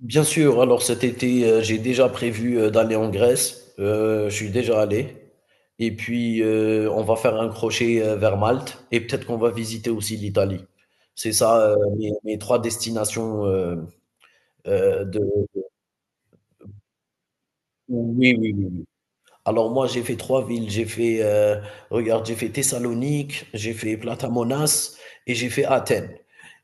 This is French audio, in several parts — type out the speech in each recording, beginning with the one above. Bien sûr, alors cet été, j'ai déjà prévu, d'aller en Grèce, je suis déjà allé. Et puis, on va faire un crochet, vers Malte et peut-être qu'on va visiter aussi l'Italie. C'est ça, mes 3 destinations, de oui, oui, oui, oui. Alors moi, j'ai fait trois villes. J'ai fait, regarde, j'ai fait Thessalonique, j'ai fait Platamonas et j'ai fait Athènes.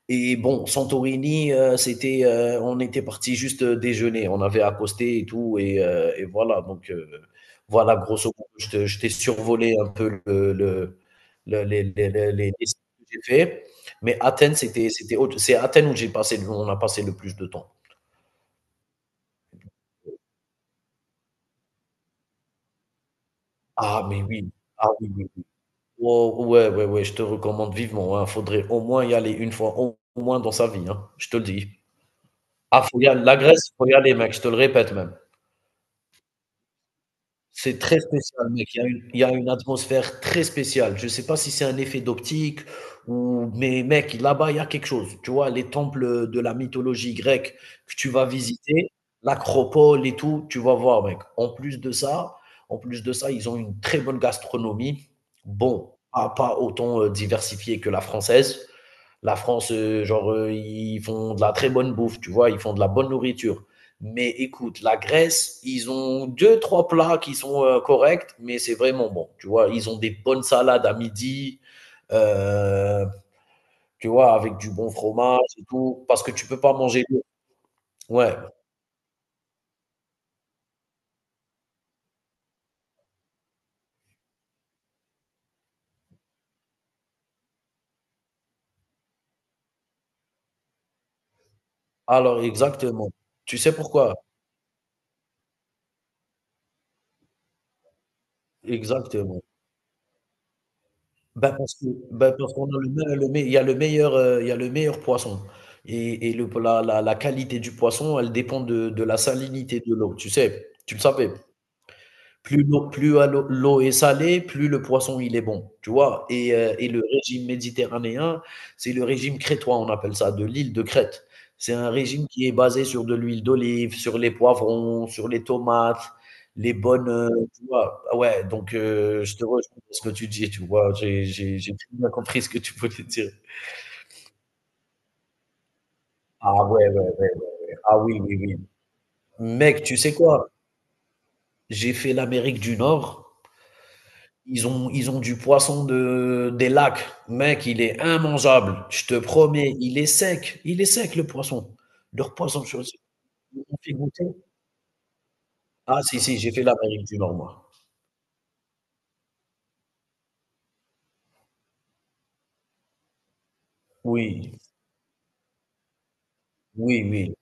Et bon, Santorini, c'était, on était parti juste déjeuner. On avait accosté et tout. Et voilà, donc voilà, grosso modo, je t'ai survolé un peu les sites que j'ai fait. Mais Athènes, c'est à Athènes où on a passé le plus de temps. Ah, mais oui. Ah oui, oui. Oh, ouais, ouais, ouais, je te recommande vivement, hein. Faudrait au moins y aller une fois, au moins dans sa vie, hein, je te le dis. Ah, faut y aller, la Grèce, faut y aller, mec, je te le répète même. C'est très spécial, mec. Il y a une atmosphère très spéciale. Je sais pas si c'est un effet d'optique ou mais mec, là-bas, il y a quelque chose. Tu vois, les temples, de la mythologie grecque que tu vas visiter, l'acropole et tout, tu vas voir, mec. En plus de ça, ils ont une très bonne gastronomie. Bon, pas autant, diversifiée que la française. La France, genre, ils font de la très bonne bouffe, tu vois, ils font de la bonne nourriture. Mais écoute, la Grèce, ils ont deux, trois plats qui sont corrects, mais c'est vraiment bon. Tu vois, ils ont des bonnes salades à midi, euh, tu vois, avec du bon fromage et tout, parce que tu peux pas manger. Ouais, alors exactement. Tu sais pourquoi? Exactement. Bah, parce que bah, parce qu'on a le me il y a le meilleur poisson et le la la la qualité du poisson, elle dépend de la salinité de l'eau, tu sais? Tu le savais? Plus l'eau plus à l'eau l'eau est salée, plus le poisson il est bon, tu vois? Et le régime méditerranéen, c'est le régime crétois, on appelle ça, de l'île de Crète. C'est un régime qui est basé sur de l'huile d'olive, sur les poivrons, sur les tomates, les bonnes, tu vois? Ouais, donc je te rejoins dans ce que tu dis, tu vois? J'ai très bien compris ce que tu voulais dire. Ah ouais, ouais, ouais, ouais. Ah oui, oui, oui. Mec, tu sais quoi? J'ai fait l'Amérique du Nord. Ils ont du poisson des lacs. Mec, il est immangeable. Je te promets, il est sec. Il est sec, le poisson. Leur poisson, je on fait goûter. Ah, si, si, j'ai fait l'Amérique du Nord, moi. Oui, oui, oui.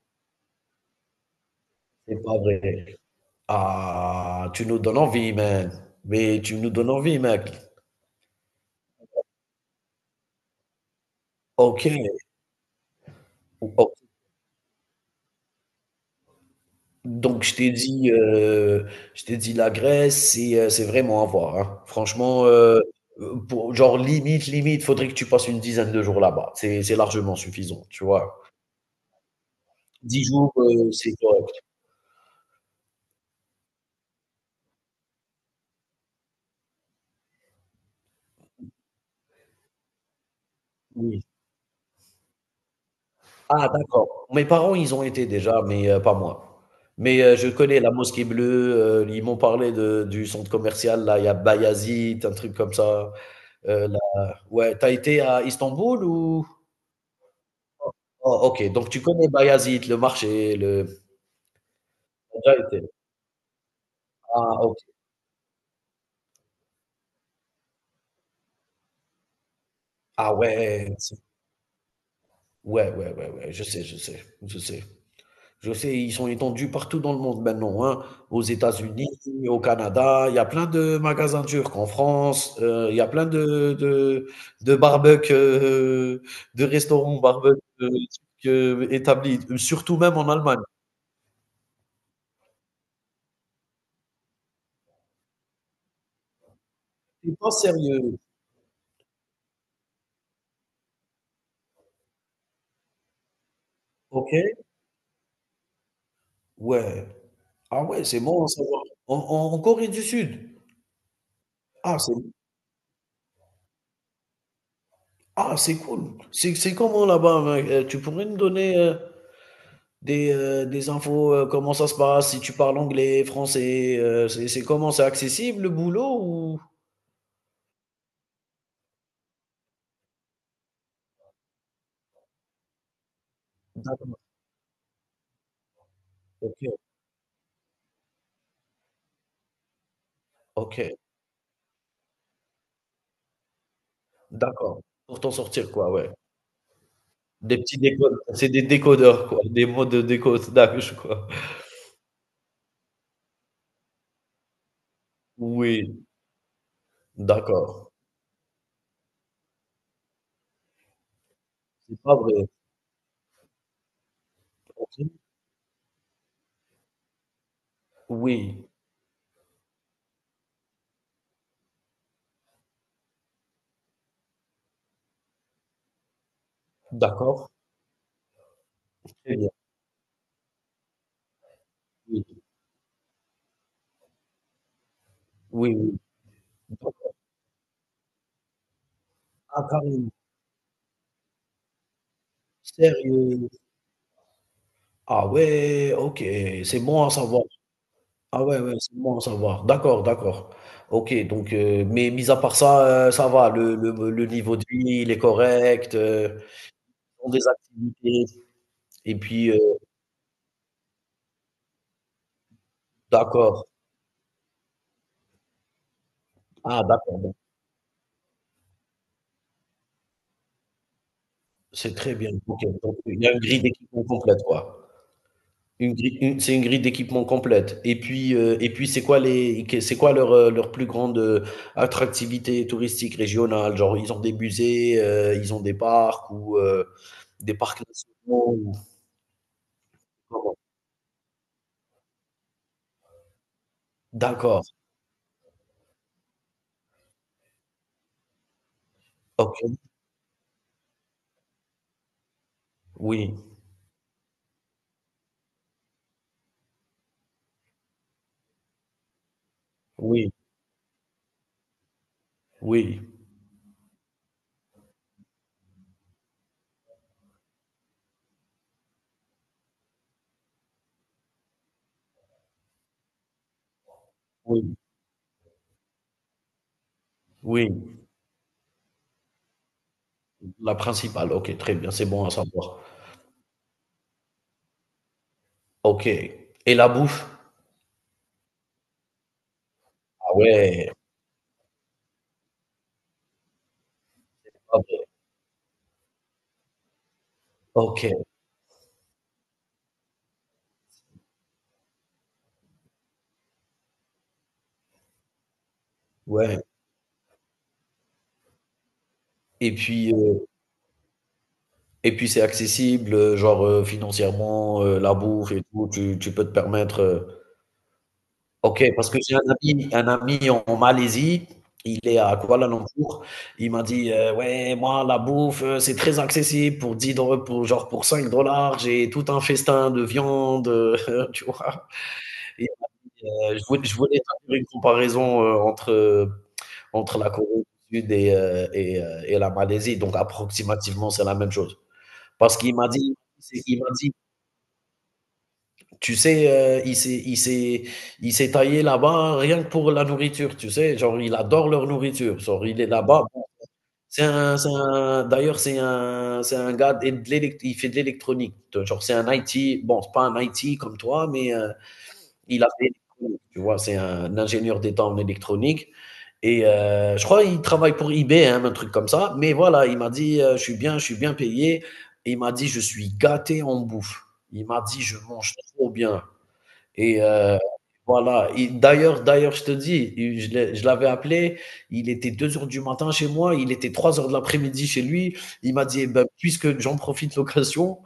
C'est pas vrai. Ah, tu nous donnes envie, man. Mais tu nous donnes envie, mec. OK. Ok. Donc je t'ai dit la Grèce, c'est vraiment à voir, hein. Franchement, pour genre limite, limite, faudrait que tu passes une dizaine de jours là-bas. C'est largement suffisant, tu vois? 10 jours, c'est correct. Oui. Ah, d'accord. Mes parents, ils ont été déjà, mais, pas moi. Mais, je connais la Mosquée Bleue, ils m'ont parlé de du centre commercial là, il y a Bayazit, un truc comme ça, la ouais, t'as été à Istanbul ou? Oh, OK, donc tu connais Bayazit, le marché, le J'ai déjà été. Ah, ok. Ah ouais, ouais, ouais, ouais, ouais, je sais, je sais, je sais. Je sais, ils sont étendus partout dans le monde maintenant, hein. Aux États-Unis, au Canada, il y a plein de magasins turcs en France, il y a plein de barbecues, de restaurants barbecues turcs, établis, surtout même en Allemagne. C'est pas sérieux, ok? Ouais. Ah ouais, c'est bon à savoir. En Corée du Sud. Ah, c'est Ah, c'est cool. C'est comment là-bas, mec? Tu pourrais me donner, des infos, comment ça se passe? Si tu parles anglais, français, c'est comment? C'est accessible le boulot ou? D'accord, OK, OK, d'accord. Pour t'en sortir quoi, ouais. Des petits décodes, c'est des décodeurs quoi, des mots de décode d'âge quoi. Oui, d'accord. C'est pas vrai. OK. Oui, d'accord. Très bien. Oui, oui, oui. Ah, carrément. Sérieux? Ah ouais, OK, c'est bon à savoir. Ah ouais, ouais, c'est bon à savoir. D'accord, d'accord. OK, donc mais mis à part ça, ça va, le niveau de vie, il est correct, ils ont des activités et puis, d'accord. Ah, d'accord, bon, c'est très bien. OK, donc il y a une grille d'équipement complète, quoi. Une grille une c'est une grille d'équipement complète et puis c'est quoi leur plus grande, attractivité touristique régionale? Genre, ils ont des musées, ils ont des parcs ou, des parcs nationaux ou comment? D'accord, OK. Oui, oui, oui, oui, oui, la principale, OK, très bien, c'est bon à savoir. OK, et la bouffe? Ah ouais, Ah ouais. OK, ouais, et puis, heu et puis c'est accessible, genre, financièrement, la bouffe et tout, tu peux te permettre. OK, parce que j'ai un ami en Malaisie, il est à Kuala Lumpur, il m'a dit: «Ouais, moi la bouffe, c'est très accessible pour 10 dollars, pour 5 dollars, j'ai tout un festin de viande», tu vois? Je voulais faire une comparaison entre la Corée du Sud et la Malaisie. Donc, approximativement, c'est la même chose. Parce qu'il m'a dit, tu sais, il s'est taillé là-bas rien que pour la nourriture, tu sais. Genre, il adore leur nourriture. Genre, il est là-bas. D'ailleurs, c'est un gars, il fait de l'électronique. Genre, c'est un IT. Bon, c'est pas un IT comme toi, mais Il a fait tu vois, c'est un ingénieur d'État en électronique. Et je crois qu'il travaille pour eBay, hein, un truc comme ça. Mais voilà, il m'a dit, je suis bien payé. Et il m'a dit, je suis gâté en bouffe. Il m'a dit, je mange trop bien. Et voilà, et d'ailleurs, je te dis, je l'avais appelé, il était 2 heures du matin chez moi, il était 3 heures de l'après-midi chez lui. Il m'a dit: «Eh ben, puisque j'en profite l'occasion»,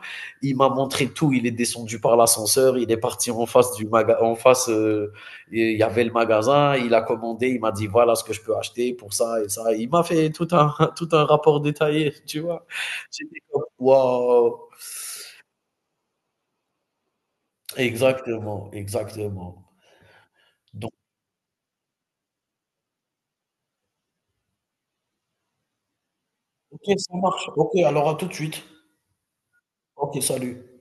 il m'a montré tout. Il est descendu par l'ascenseur, il est parti en face du magasin. Et il y avait le magasin, il a commandé, il m'a dit: «Voilà ce que je peux acheter pour ça et ça». Il m'a fait tout un tout un rapport détaillé, tu vois? J'étais comme: «Waouh!» Exactement, exactement. OK, ça marche. OK, alors à tout de suite. OK, salut.